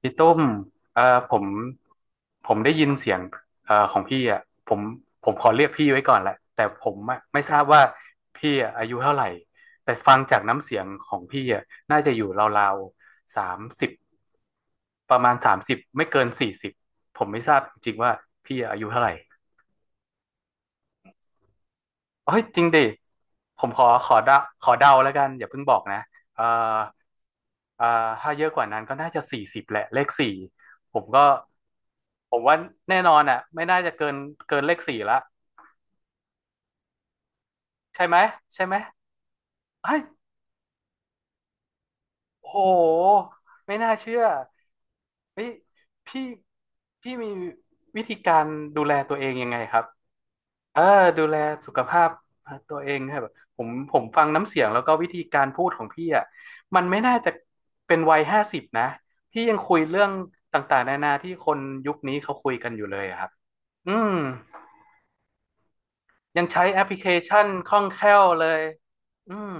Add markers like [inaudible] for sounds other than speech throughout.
พี่ตุ้มเอ่อผมผมได้ยินเสียงของพี่อ่ะผมผมขอเรียกพี่ไว้ก่อนแหละแต่ผมอะไม่ทราบว่าพี่อะอายุเท่าไหร่แต่ฟังจากน้ำเสียงของพี่อ่ะน่าจะอยู่ราวๆสามสิบประมาณสามสิบไม่เกินสี่สิบผมไม่ทราบจริงๆว่าพี่อายุเท่าไหร่ เฮ้ยจริงดิผมขอเดาขอเดาแล้วกันอย่าเพิ่งบอกนะเอ่อเอ่อถ้าเยอะกว่านั้นก็น่าจะสี่สิบแหละเลขสี่ผมก็ผมว่าแน่นอนอ่ะไม่น่าจะเกินเลขสี่ละใช่ไหมใช่ไหมเฮ้ยโอ้โหไม่น่าเชื่อเฮ้ยพี่พี่มีวิธีการดูแลตัวเองยังไงครับ อ่าดูแลสุขภาพตัวเองครับผมฟังน้ำเสียงแล้วก็วิธีการพูดของพี่อ่ะมันไม่น่าจะเป็นวัย50นะพี่ยังคุยเรื่องต่างๆนานาที่คนยุคนี้เขาคุยกันอยู่เลยอะครับอืมยังใช้แอปพลิเคชันคล่องแคล่วเลยอืม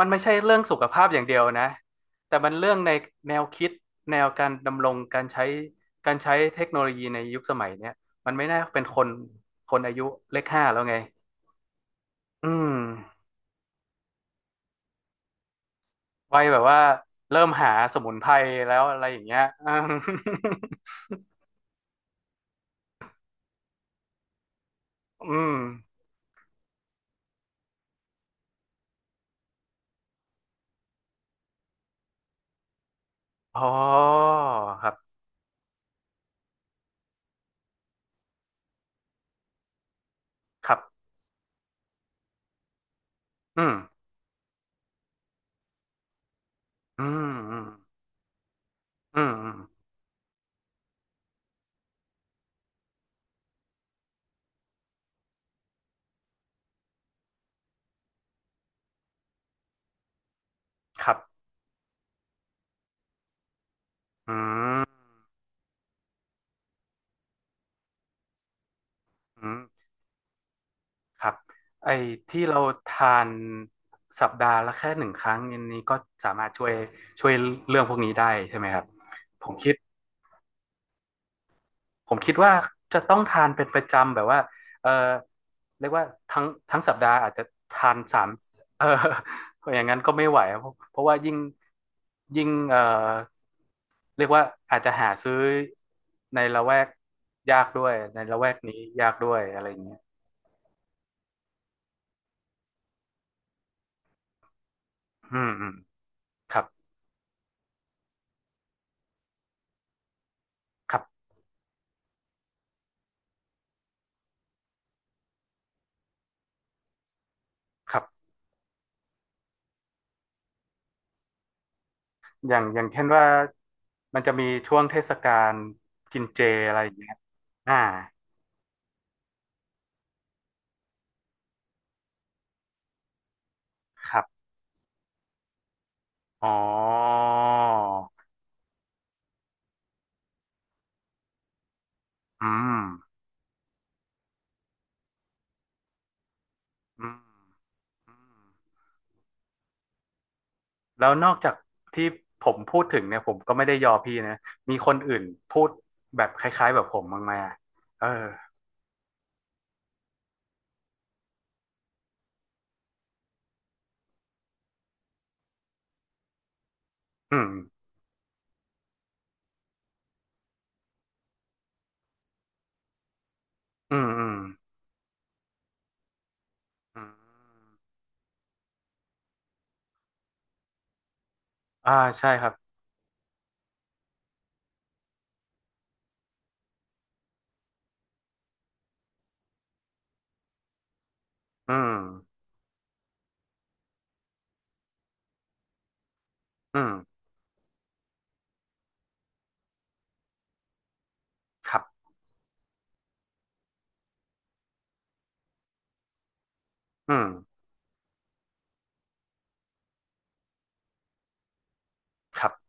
มันไม่ใช่เรื่องสุขภาพอย่างเดียวนะแต่มันเรื่องในแนวคิดแนวการดำรงการใช้เทคโนโลยีในยุคสมัยเนี้ยมันไม่น่าเป็นคนอายุเลขห้าแล้วไง อืมวัยแบบว่าเริ่มหาสมุนไพรแล้วอะไรอย่างเงี้ยอืมอืมอ๋อครับครับอืมอืมอืมอืมอืมครับอืมอืมครับไอ้ที่เราทานสัปดาห์ละแค่หนึ่งครั้งอันนี้ก็สามารถช่วยเรื่องพวกนี้ได้ใช่ไหมครับผมคิดผมคิดว่าจะต้องทานเป็นประจำแบบว่าเออ เรียกว่าทั้งทั้งสัปดาห์อาจจะทานสามเออ [laughs] อย่างนั้นก็ไม่ไหวเพราะว่ายิ่งยิ่งเรียกว่าอาจจะหาซื้อในละแวกยากด้วยในละแวกนี้ยากด้วยอะไรอย่างเงี้ยอืมอืมครับครับครับอย่างเช่นว่ามันจะมีช่วงเทศกาลกินเจอะไรอย่างเงี้ยอ่าครับอ๋ออืมอืมอืม แล้วนอกจากที่ผมพูดถึงเนี่ยผมก็ไม่ได้ยอพี่นะมีคนอื่นพูดแบบคล้ายๆแบบผมบ้างไหมอะเอออืมอืมอืมอืมอ่าใช่ครับอืมอืมครับอืมครับ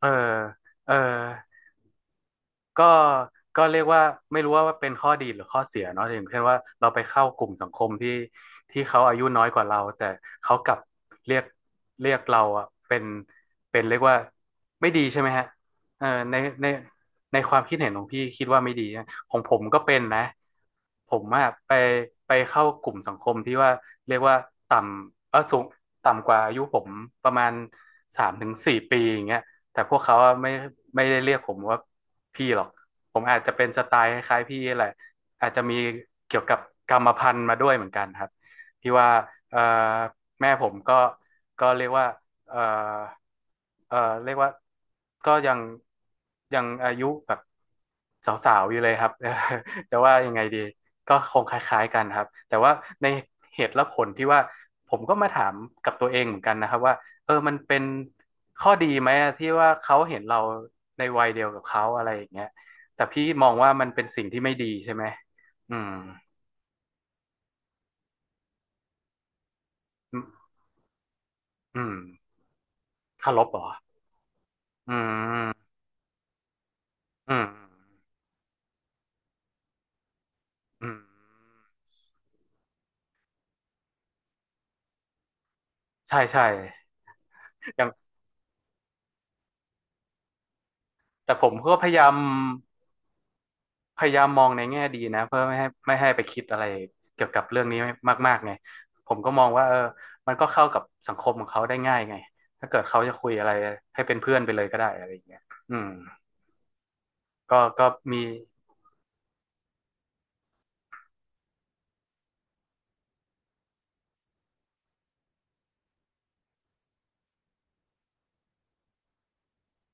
เออเออ ก็ก็เรียกว่าไม่รู้ว่าเป็นข้อดีหรือข้อเสียเนาะอย่างเช่นว่าเราไปเข้ากลุ่มสังคมที่เขาอายุน้อยกว่าเราแต่เขากลับเรียกเรียกเราอะเป็นเรียกว่าไม่ดีใช่ไหมฮะเออในในความคิดเห็นของพี่คิดว่าไม่ดีนะของผมก็เป็นนะผมอะไปเข้ากลุ่มสังคมที่ว่าเรียกว่าต่ำสูงต่ำกว่าอายุผมประมาณ3 ถึง 4 ปีอย่างเงี้ย แต่พวกเขาอะไม่ได้เรียกผมว่าพี่หรอกผมอาจจะเป็นสไตล์คล้ายๆพี่แหละอาจจะมีเกี่ยวกับกรรมพันธุ์มาด้วยเหมือนกันครับที่ว่าเอ่อแม่ผมก็เรียกว่าเอ่อเอ่อเรียกว่าก็ยังอายุแบบสาวๆอยู่เลยครับ [laughs] จะว่ายังไงดีก็คงคล้ายๆกันครับแต่ว่าในเหตุและผลที่ว่าผมก็มาถามกับตัวเองเหมือนกันนะครับว่า เออ มันเป็นข้อดีไหมอะที่ว่าเขาเห็นเราในวัยเดียวกับเขาอะไรอย่างเงี้ยแต่พี่มองว่ามันเป็นสิ่งที่ไม่ดีใช่ไหมอืมอืมอืมเคารพเหรออืมอืมอืมใช่ใช่ [laughs] อย่างแต่ผมก็พยายามมองในแง่ดีนะเพื่อไม่ให้ไปคิดอะไรเกี่ยวกับเรื่องนี้มากๆไงผมก็มองว่าเออมันก็เข้ากับสังคมของเขาได้ง่ายไง ถ้าเกิดเขาจะคุยอะไรให้เป็นเพื่อนไปเลยก็ได้อะไรอย่างเงี้ยอืม ก็มี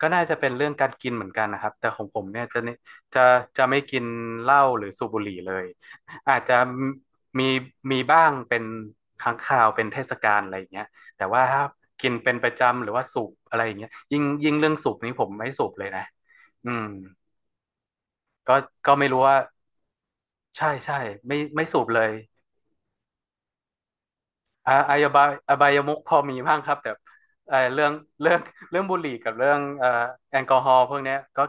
ก็น่าจะเป็นเรื่องการกินเหมือนกันนะครับแต่ของผมเนี่ยจะเนจะจะไม่กินเหล้าหรือสูบบุหรี่เลยอาจจะมีมีบ้างเป็นครั้งคราวเป็นเทศกาลอะไรอย่างเงี้ยแต่ว่าถ้ากินเป็นประจำหรือว่าสูบอะไรอย่างเงี้ยยิ่งยิ่งเรื่องสูบนี้ผมไม่สูบเลยนะอืมก็ก็ไม่รู้ว่าใช่ใช่ไม่สูบเลย อบายมุขพอมีบ้างครับแต่เอ่อเรื่องเรื่องเรื่องบุหรี่กับเรื่องแอลกอฮอล์พวกเนี้ยก็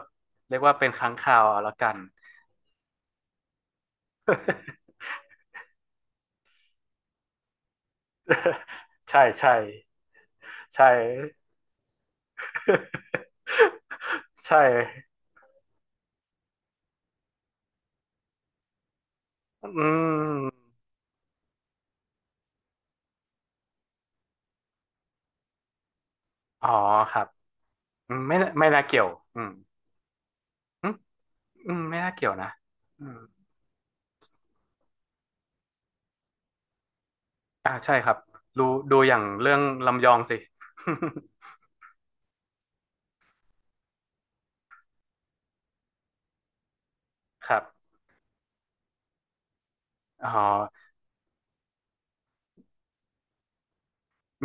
เรียกว่าเป็นครั้งคราวเอาละกัน [laughs] ใช่ใช่ใช่ [laughs] ใช่อืมอ๋อครับอืมไม่น่าเกี่ยวอืมอืมอืมไม่น่าเกี่ยวนะอืมอ่าใช่ครับดูดูอย่างเรื่องลำยองสิ [laughs] ครับอ๋อ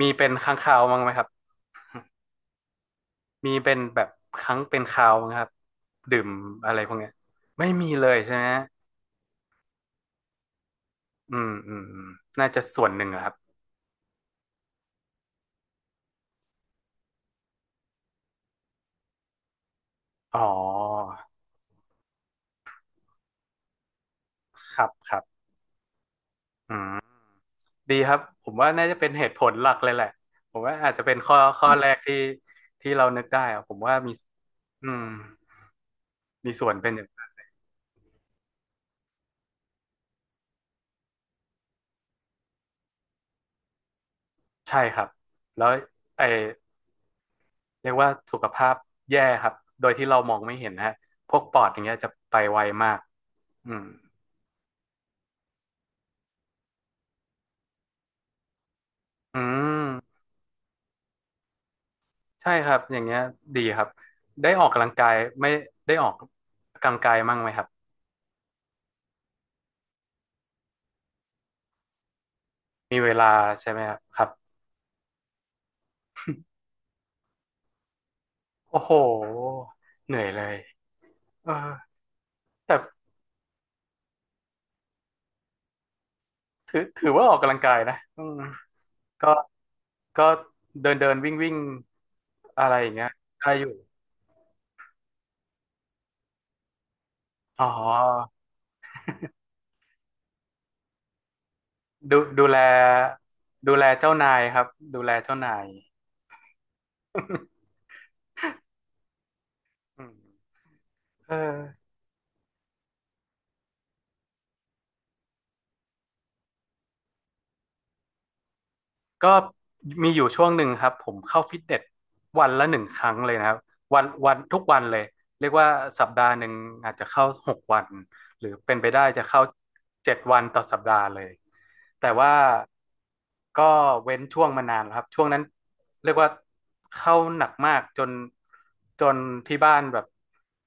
มีเป็นค้างคาวมั้างไหมครับ มีเป็นแบบครั้งเป็นคราวนะครับดื่มอะไรพวกเนี้ยไม่มีเลยใช่ไหมอืมอืมอืมน่าจะส่วนหนึ่งอะครับอ๋อครับครับอืมดีครับผมว่าน่าจะเป็นเหตุผลหลักเลยแหละผมว่าอาจจะเป็นข้อแรกที่เรานึกได้อะผมว่ามีอืมมีส่วนเป็นอย่างใช่ครับแล้วไอเรียกว่าสุขภาพแย่ครับโดยที่เรามองไม่เห็นนะฮะพวกปอดอย่างเงี้ยจะไปไวมากอืมอืม ใช่ครับ อย่างเงี้ยดีครับ ได้ออกกำลังกายไม่ได้ออกกำลังกายมั่งไหมครับ มีเวลาใช่ไหมครับครับโอ้โหเหนื่อยเลยเออแต่ถือว่าออกกำลังกายนะอืมก็ก็เดินเดินวิ่งวิ่งอะไรอย่างเงี้ยได้อยู่อ๋อดูดูแลดูแลเจ้านายครับดูแลเจ้านาย [laughs] อืมเออ ก็มีอยู่ช่วงหนึ่งครับผมเข้าฟิตเนสวันละหนึ่งครั้งเลยนะครับวันวันทุกวันเลยเรียกว่าสัปดาห์หนึ่งอาจจะเข้า6 วันหรือเป็นไปได้จะเข้า7 วันต่อสัปดาห์เลยแต่ว่าก็เว้นช่วงมานานแล้วครับช่วงนั้นเรียกว่าเข้าหนักมากจนที่บ้านแบบ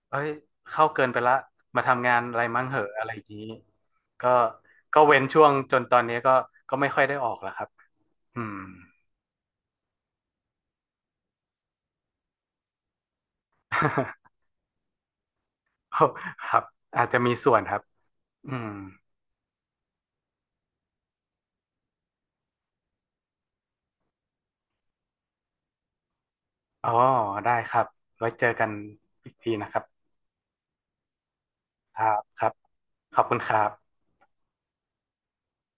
เอ้ยเข้าเกินไปละมาทำงานอะไรมั่งเหอะอะไรอย่างนี้ก็ก็เว้นช่วงจนตอนนี้ก็ไม่ค่อยได้ออกแล้วครับ อืม [laughs] ครับอาจจะมีส่วนครับอืมอ๋อได้ครับไว้เจอกันอีกทีนะครับครับครับขอบคุณครับ